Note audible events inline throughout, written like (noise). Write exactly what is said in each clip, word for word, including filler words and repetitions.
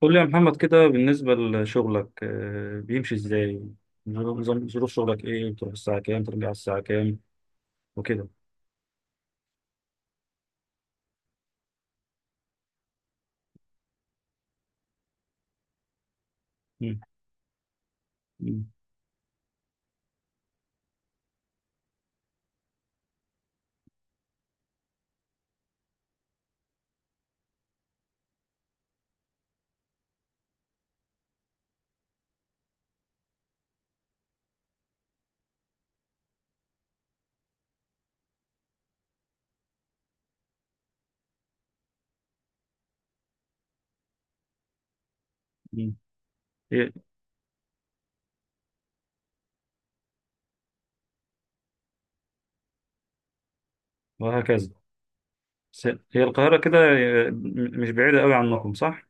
قول لي يا محمد كده بالنسبة لشغلك آه، بيمشي ازاي؟ نظام- نظام- ظروف شغلك ايه؟ بتروح الساعة كام؟ ترجع الساعة كام؟ وكده. مم. مم. مم. إيه؟ وهكذا. س- هي القاهرة كده، آه، م- مش بعيدة قوي عنكم صح؟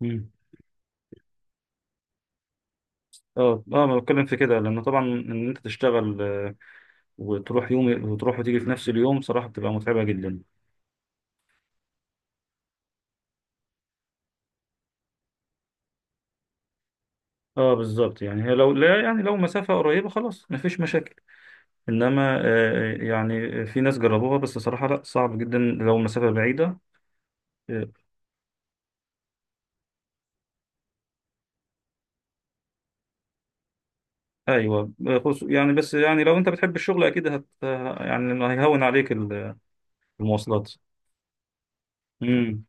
مم. اه اه ما بتكلم في كده لأن طبعا إن أنت تشتغل، آه، وتروح يوم وتروح وتيجي في نفس اليوم صراحة بتبقى متعبة جدا. اه بالظبط، يعني هي لو لا يعني لو مسافة قريبة خلاص مفيش مشاكل، انما آه، آه، يعني في ناس جربوها بس صراحة لا صعب جدا لو المسافة بعيدة. آه، ايوه. خص- يعني بس يعني لو انت بتحب الشغل اكيد هت يعني هيهون عليك ال- المواصلات. امم.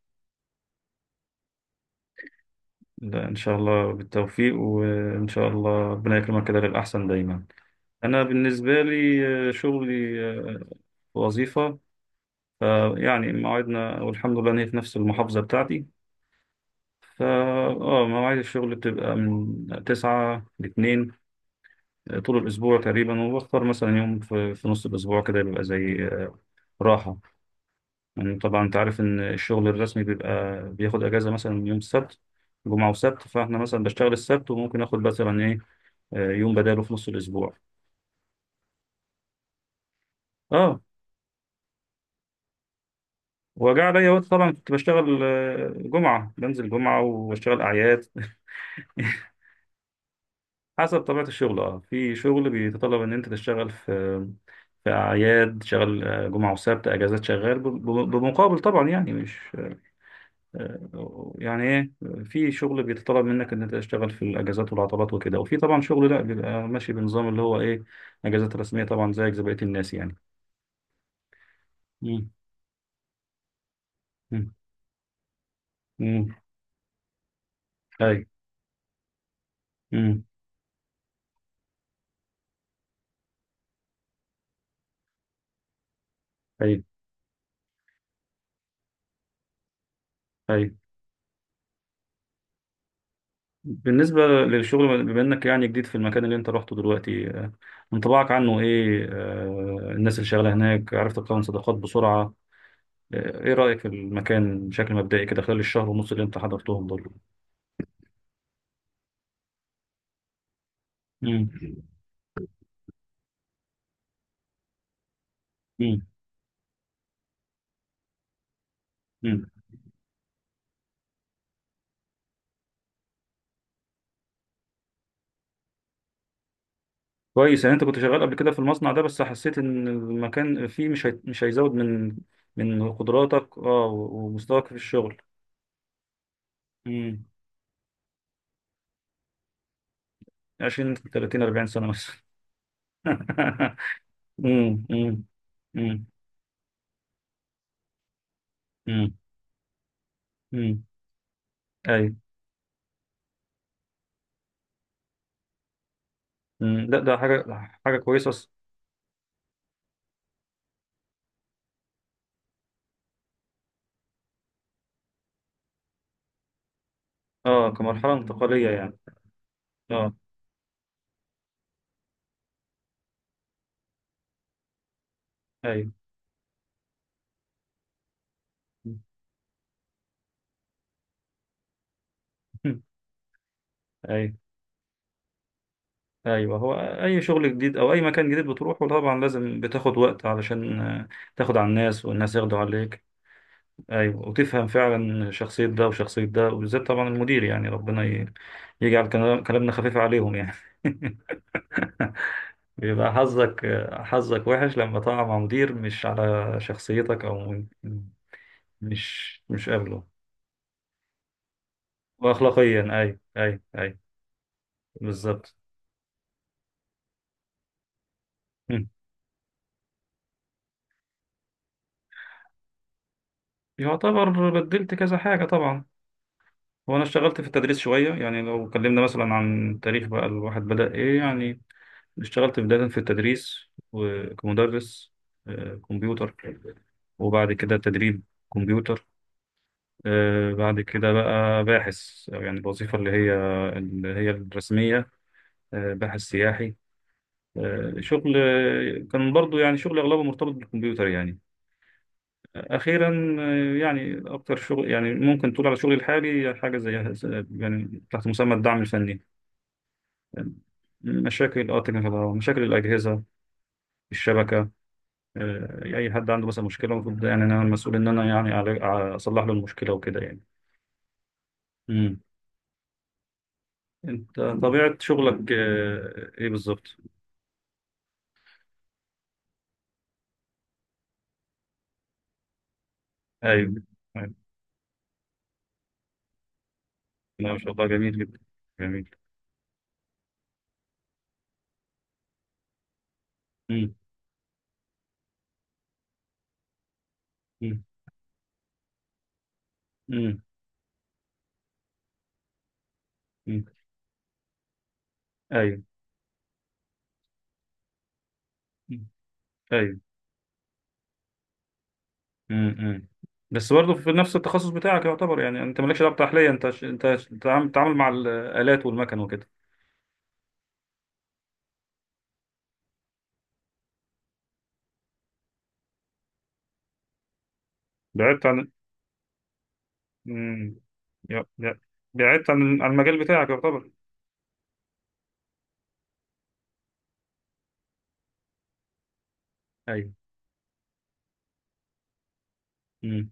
لا ان شاء الله بالتوفيق، وان شاء الله ربنا يكرمك كده للاحسن دايما. انا بالنسبة لي آه، شغلي آه، وظيفة. آه، يعني مواعيدنا والحمد لله ان هي في نفس المحافظة بتاعتي. فا اه مواعيد الشغل بتبقى من تسعة ل اتنين طول الأسبوع تقريبا، وبختار مثلا يوم في, في نص الأسبوع كده بيبقى زي راحة. يعني طبعا أنت عارف إن الشغل الرسمي بيبقى بياخد أجازة مثلا يوم السبت، جمعة وسبت، فإحنا مثلا بشتغل السبت وممكن آخد مثلا إيه، آه، يوم بداله في نص الأسبوع. أه. وجاء عليا وقت طبعا كنت بشتغل، آه، جمعة بنزل جمعة وبشتغل أعياد. (laughs) حسب طبيعة الشغل، اه في شغل بيتطلب ان انت تشتغل في في اعياد، تشتغل آه، جمعة وسبت اجازات، شغال ب- ب- بمقابل طبعا، يعني مش آه، يعني ايه، في شغل بيتطلب منك ان انت تشتغل في الاجازات والعطلات وكده، وفي طبعا شغل لا بيبقى ماشي بنظام اللي هو ايه، اجازات رسميه طبعا زيك زي بقيه الناس يعني. امم. امم. امم. اي. امم. اي. اي. بالنسبه للشغل، بما انك يعني جديد في المكان اللي انت رحته دلوقتي، آه، انطباعك عنه ايه؟ آه، الناس اللي شغاله هناك عرفت تكون صداقات بسرعه؟ آه، ايه رايك في المكان بشكل مبدئي كده خلال الشهر ونص اللي انت حضرتهم دول؟ امم. امم. كويس. يعني انت كنت شغال قبل كده في المصنع ده، بس حسيت ان المكان فيه مش هي... مش هيزود من من قدراتك، اه و- ومستواك في الشغل. امم. عشرين تلاتين اربعين سنة مثلا. (laughs) امم. امم. امم. امم. امم. ايوه. امم. لا ده حاجة، حاجة كويسة أص- اه، كمرحلة انتقالية يعني. اه ايوه. (laughs) ايوه ايوه. هو اي شغل جديد او اي مكان جديد بتروحه طبعا لازم بتاخد وقت علشان آه، تاخد على الناس والناس ياخدوا عليك. ايوه. وتفهم فعلا شخصية ده وشخصية ده، وبالذات طبعا المدير. يعني ربنا ي- يجعل كلام- كلامنا خفيف عليهم يعني. (laughs) بيبقى حظك، حظك وحش لما تقع مع مدير مش على شخصيتك، او مش مش قابله، واخلاقيا. اي. اي. اي. بالظبط. مم. يعتبر بدلت كذا حاجة طبعا. وانا اشتغلت في التدريس شوية، يعني لو اتكلمنا مثلا عن تاريخ بقى الواحد بدأ ايه، يعني اشتغلت بداية في التدريس، وكمدرس آه، كمبيوتر، وبعد كده تدريب كمبيوتر، آه، بعد كده بقى باحث، أو يعني الوظيفة اللي هي اللي هي الرسمية، آه، باحث سياحي. آه، شغل آه، كان برضو يعني شغل أغلبه مرتبط بالكمبيوتر يعني. آه، أخيرا آه، يعني أكتر شغل يعني ممكن تقول على شغلي الحالي حاجة زي، يعني تحت مسمى الدعم الفني. مشاكل اه تكنيكال، مشاكل الأجهزة، الشبكة. آه، اي حد عنده مثلا مشكله، المفروض يعني انا المسؤول ان انا يعني أعالج- اصلح له المشكله وكده يعني. امم. انت طبيعه شغلك آه، ايه بالظبط؟ ايوه. أيوة. لا ما شاء الله، جميل جدا، جميل. امم. امم. امم. امم. ايوه. أمم. ايوه. امم. أمم. بس برضه في نفس التخصص بتاعك يعتبر. يعني انت مالكش دعوه بالتحليه، انت ش... انت ش... بتتعامل بتتعامل مع الالات والمكن وكده. بعدت عن. امم. يا- يا- بعدت عن عن المجال بتاعك يعتبر. ايوه. امم.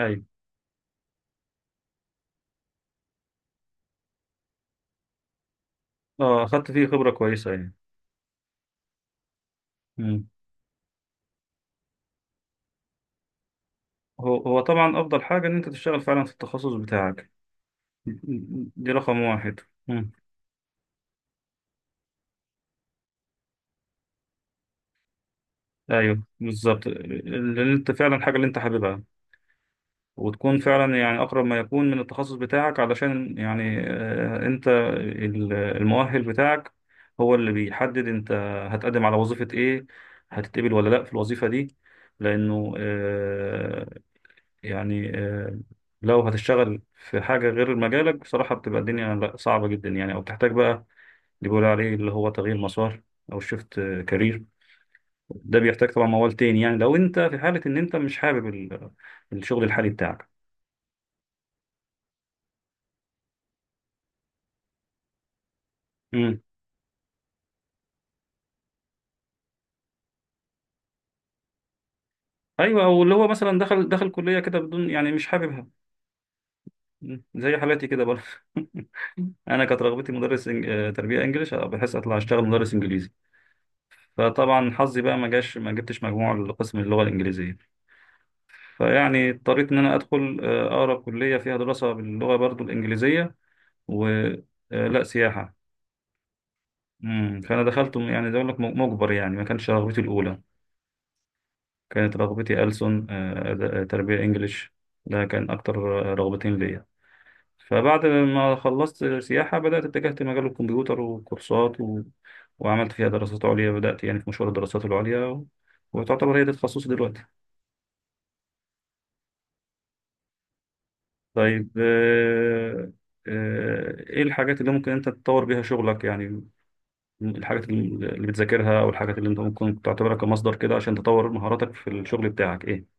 ايوه. اه اخدت فيه خبرة كويسة يعني. مم. هو هو طبعا افضل حاجة ان انت تشتغل فعلا في التخصص بتاعك، دي رقم واحد. مم. ايوه بالظبط، اللي انت فعلا الحاجه اللي انت حاببها، وتكون فعلا يعني اقرب ما يكون من التخصص بتاعك، علشان يعني آه، انت ال- المؤهل بتاعك هو اللي بيحدد انت هتقدم على وظيفه ايه، هتتقبل ولا لا في الوظيفه دي، لانه آه، يعني آه، لو هتشتغل في حاجة غير مجالك بصراحة بتبقى الدنيا لأ، صعبة جدا يعني، أو بتحتاج بقى اللي بيقولوا عليه اللي هو تغيير مسار، أو شيفت كارير. ده بيحتاج طبعا موال تاني، يعني لو أنت في حالة إن أنت مش حابب ال- الشغل الحالي بتاعك. امم. أيوه. أو اللي هو مثلا دخل دخل كلية كده بدون يعني مش حاببها. مم. زي حالاتي كده برضه. (laughs) أنا كانت رغبتي مدرس إنج- آه، تربية إنجليش، آه، بحيث أطلع أشتغل مدرس إنجليزي. فطبعا حظي بقى ما جاش، ما جبتش مجموع لقسم اللغة الإنجليزية. فيعني اضطريت ان انا ادخل آه، اقرب كليه فيها دراسه باللغه برضو الانجليزيه، ولا سياحه. امم. فانا دخلت م- يعني زي ما اقول لك م- مجبر، يعني ما كانش رغبتي الاولى. كانت رغبتي ألسن، آه، أد- آه، تربيه انجليش، ده كان اكتر آه، رغبتين ليا. فبعد ما خلصت سياحه بدات اتجهت لمجال الكمبيوتر وكورسات و... وعملت فيها دراسات عليا، بدات يعني في مشوار الدراسات العليا و... وتعتبر هي ده تخصصي دلوقتي. طيب آه، آه، ايه الحاجات اللي ممكن انت تطور بيها شغلك؟ يعني الحاجات اللي اللي بتذاكرها، او الحاجات اللي انت ممكن تعتبرها كمصدر كده عشان تطور مهاراتك في الشغل بتاعك ايه؟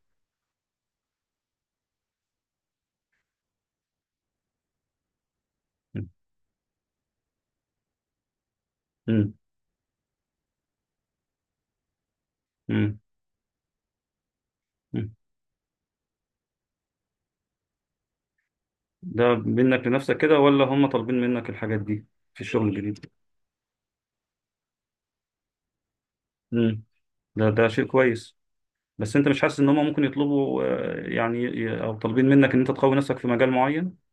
مم. مم. مم. مم. ده منك لنفسك كده، ولا هم طالبين منك الحاجات دي في الشغل الجديد؟ مم. ده ده شيء كويس. بس انت مش حاسس ان هم ممكن يطلبوا آه، يعني او طالبين منك ان انت تقوي نفسك في مجال معين؟